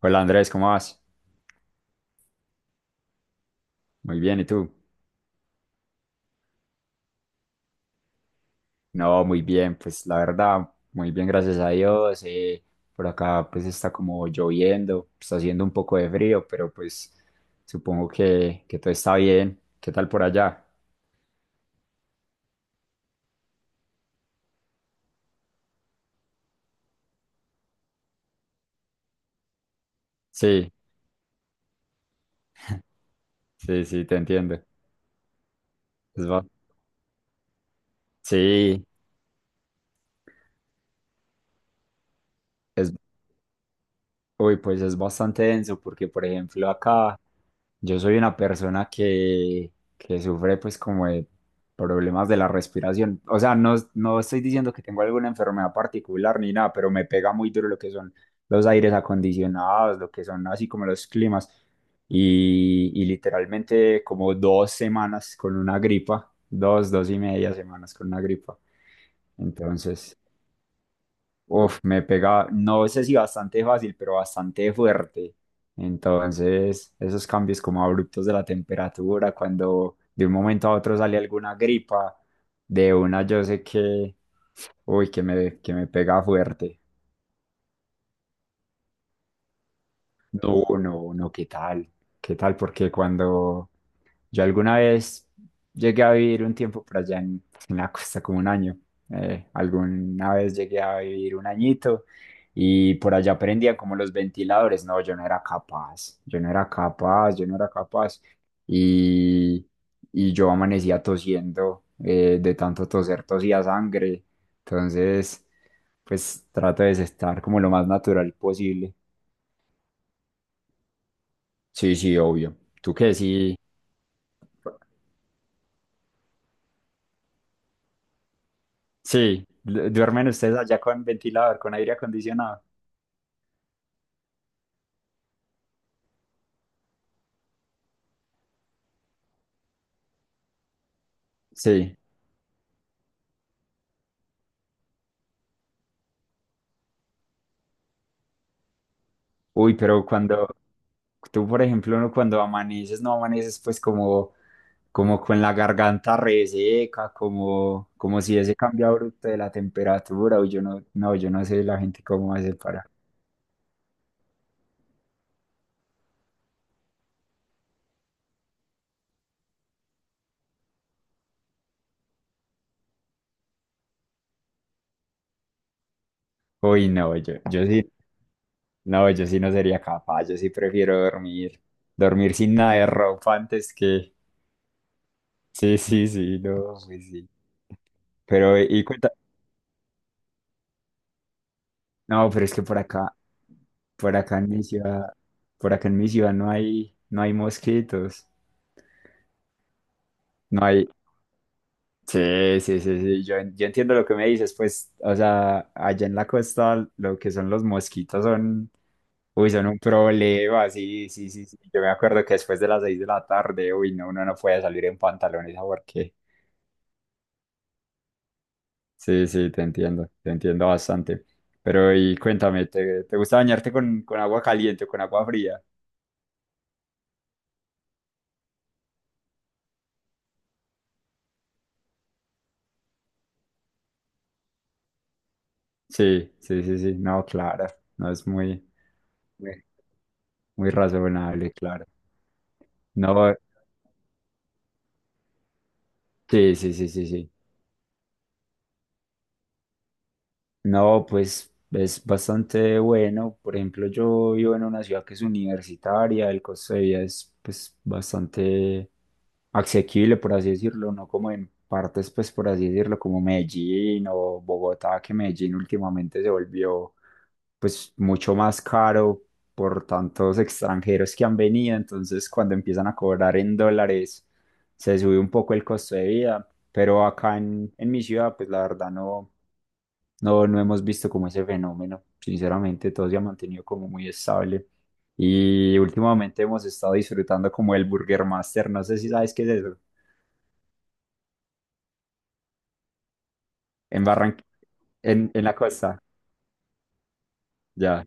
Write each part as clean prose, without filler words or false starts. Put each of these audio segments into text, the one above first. Hola Andrés, ¿cómo vas? Muy bien, ¿y tú? No, muy bien, pues la verdad, muy bien, gracias a Dios. Por acá pues está como lloviendo, está haciendo un poco de frío, pero pues supongo que todo está bien. ¿Qué tal por allá? Sí, sí, sí, te entiendo. Es ba- sí, es, Uy, pues es bastante denso porque, por ejemplo, acá yo soy una persona que sufre pues como de problemas de la respiración. O sea, no, no estoy diciendo que tengo alguna enfermedad particular ni nada, pero me pega muy duro lo que son los aires acondicionados, lo que son así como los climas. Y literalmente como 2 semanas con una gripa, dos, dos y media semanas con una gripa. Entonces, uf, me pega, no sé si bastante fácil, pero bastante fuerte. Entonces, esos cambios como abruptos de la temperatura, cuando de un momento a otro sale alguna gripa, de una yo sé que, uy, que me pega fuerte. No, no, no, ¿qué tal? ¿Qué tal? Porque cuando yo alguna vez llegué a vivir un tiempo por allá en la costa, como un año, alguna vez llegué a vivir un añito y por allá aprendía como los ventiladores. No, yo no era capaz, yo no era capaz, yo no era capaz. Y, y yo amanecía tosiendo, de tanto toser, tosía sangre. Entonces, pues trato de estar como lo más natural posible. Sí, sí, obvio. ¿Tú qué? Sí, sí. ¿Duermen ustedes allá con ventilador, con aire acondicionado? Sí. Uy, pero cuando tú, por ejemplo, cuando amaneces, no amaneces pues como, como, con la garganta reseca, como si ese cambio abrupto de la temperatura, uy, yo no, no, yo no sé la gente cómo hace para. Uy, no, yo sí, no, yo sí no sería capaz, yo sí prefiero dormir, sin nada de ropa antes que. Sí, sí, sí, no, pues sí. Pero, y cuenta, no, pero es que por acá en mi ciudad, por acá en mi ciudad no hay, no hay mosquitos, no hay, sí, sí, sí, sí, yo entiendo lo que me dices, pues, o sea, allá en la costa lo que son los mosquitos son, uy, son un problema, sí, sí, sí, sí, yo me acuerdo que después de las 6 de la tarde, uy, no, uno no puede salir en pantalones a porque, sí, sí, te entiendo bastante, pero, y cuéntame, ¿te gusta bañarte con agua caliente o con agua fría? Sí, sí, sí, sí, no, claro, no es muy muy razonable, claro. No, sí, sí, sí, sí, sí. No, pues es bastante bueno. Por ejemplo, yo vivo en una ciudad que es universitaria, el costo de vida es pues bastante asequible, por así decirlo, no como en partes, pues por así decirlo, como Medellín o Bogotá, que Medellín últimamente se volvió pues mucho más caro por tantos extranjeros que han venido, entonces cuando empiezan a cobrar en dólares se sube un poco el costo de vida, pero acá en mi ciudad pues la verdad no, no hemos visto como ese fenómeno. Sinceramente, todo se ha mantenido como muy estable. Y últimamente hemos estado disfrutando como el Burger Master. No sé si sabes qué es eso. En Barranquilla, en la costa. Ya.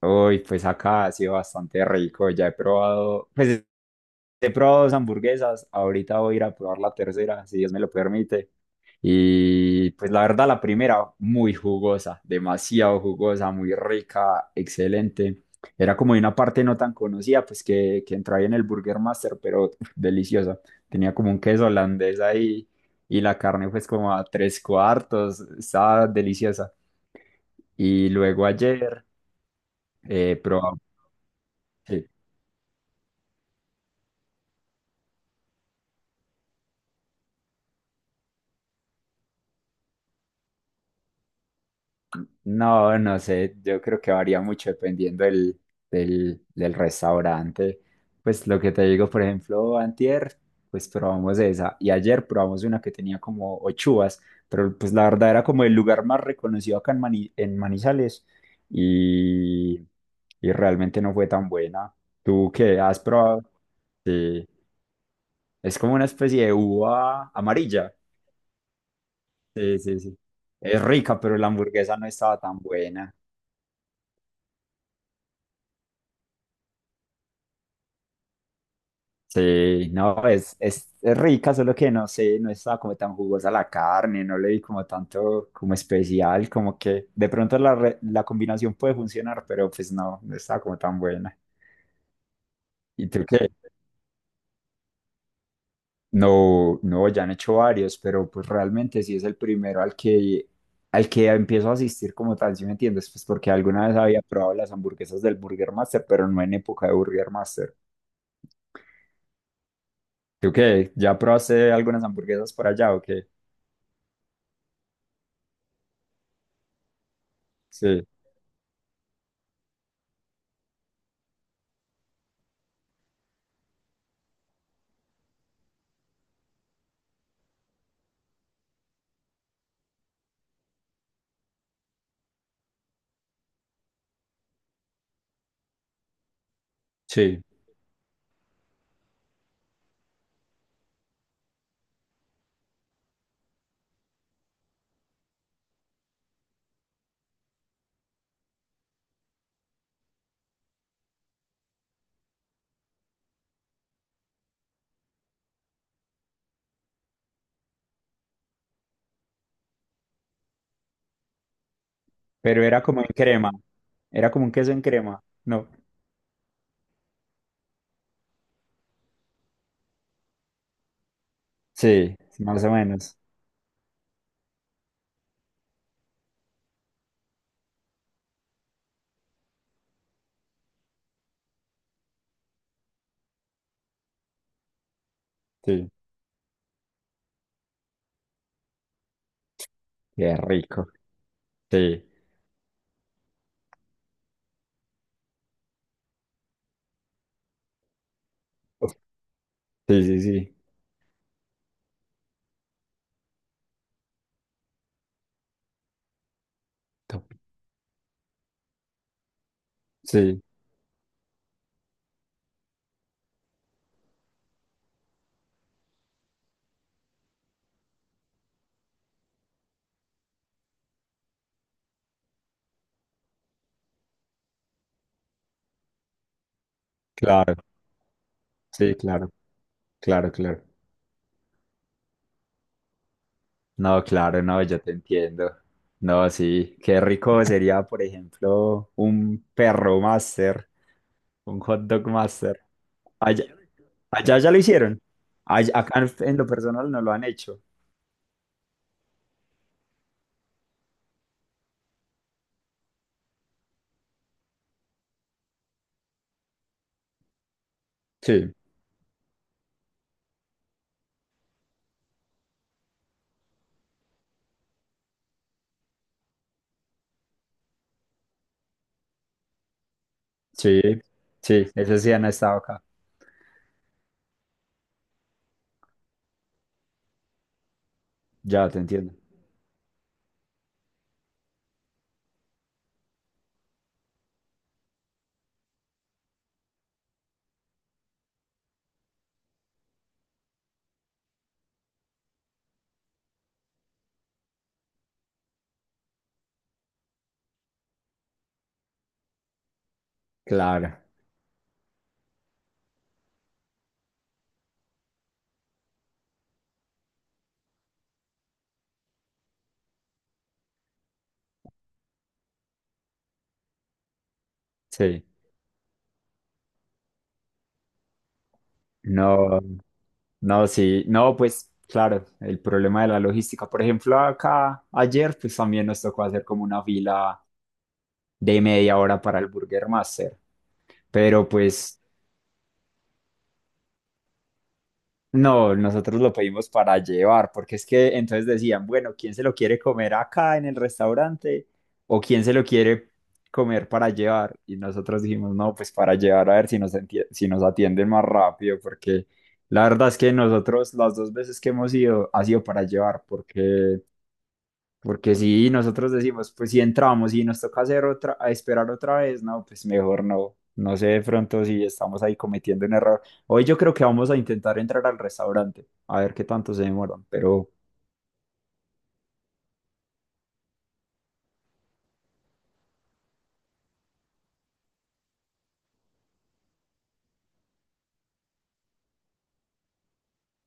Uy, pues acá ha sido bastante rico. Ya he probado, pues he probado dos hamburguesas. Ahorita voy a ir a probar la tercera, si Dios me lo permite. Y pues la verdad, la primera, muy jugosa, demasiado jugosa, muy rica, excelente. Era como de una parte no tan conocida, pues que entraba ahí en el Burger Master, pero uf, deliciosa. Tenía como un queso holandés ahí y la carne pues como a tres cuartos, estaba deliciosa. Y luego ayer. Pero sí. No, no sé, yo creo que varía mucho dependiendo del, del restaurante. Pues lo que te digo, por ejemplo, antier, pues probamos esa y ayer probamos una que tenía como ochuas, pero pues la verdad era como el lugar más reconocido acá en Manizales y, y realmente no fue tan buena. ¿Tú qué has probado? Sí, es como una especie de uva amarilla. Sí, sí, sí. Es rica, pero la hamburguesa no estaba tan buena. Sí, no, es, es rica, solo que no sé, no estaba como tan jugosa la carne, no le vi como tanto como especial, como que de pronto la combinación puede funcionar, pero pues no, no estaba como tan buena. ¿Y tú qué? No, no, ya han hecho varios, pero pues realmente sí es el primero al que empiezo a asistir como tal, ¿si me entiendes? Pues porque alguna vez había probado las hamburguesas del Burger Master, pero no en época de Burger Master. ¿Tú qué? ¿Ya probaste algunas hamburguesas por allá o qué? Sí, sí. Pero era como en crema. Era como un queso en crema. No. Sí, más o menos. Sí. Qué rico. Sí. Uf, sí, sí, sí. Top. Sí, claro. Sí, claro. Claro, claro. No, claro, no, yo te entiendo. No, sí, qué rico sería, por ejemplo, un perro master, un hot dog master. Allá, allá ya lo hicieron. Acá en lo personal no lo han hecho. Sí, sí, sí, eso sí han estado acá. Ya te entiendo. Claro, sí. No, no, sí, no, pues claro, el problema de la logística. Por ejemplo, acá ayer, pues también nos tocó hacer como una fila de media hora para el Burger Master. Pero pues no, nosotros lo pedimos para llevar, porque es que entonces decían, bueno, ¿quién se lo quiere comer acá en el restaurante? ¿O quién se lo quiere comer para llevar? Y nosotros dijimos, no, pues para llevar a ver si nos atienden más rápido, porque la verdad es que nosotros las dos veces que hemos ido ha sido para llevar, porque si nosotros decimos, pues si entramos y nos toca hacer otra, a esperar otra vez, no, pues mejor no. No sé de pronto si estamos ahí cometiendo un error. Hoy yo creo que vamos a intentar entrar al restaurante, a ver qué tanto se demoran. Pero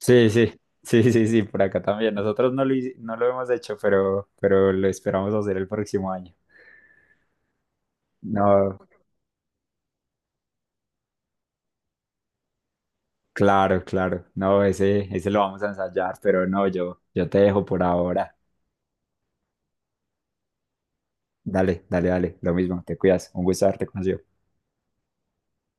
sí, sí, sí, sí, sí, por acá también. Nosotros no lo hemos hecho, pero lo esperamos hacer el próximo año. No, claro, claro. No, ese lo vamos a ensayar, pero no, yo te dejo por ahora. Dale, dale, dale. Lo mismo, te cuidas. Un gusto haberte conocido.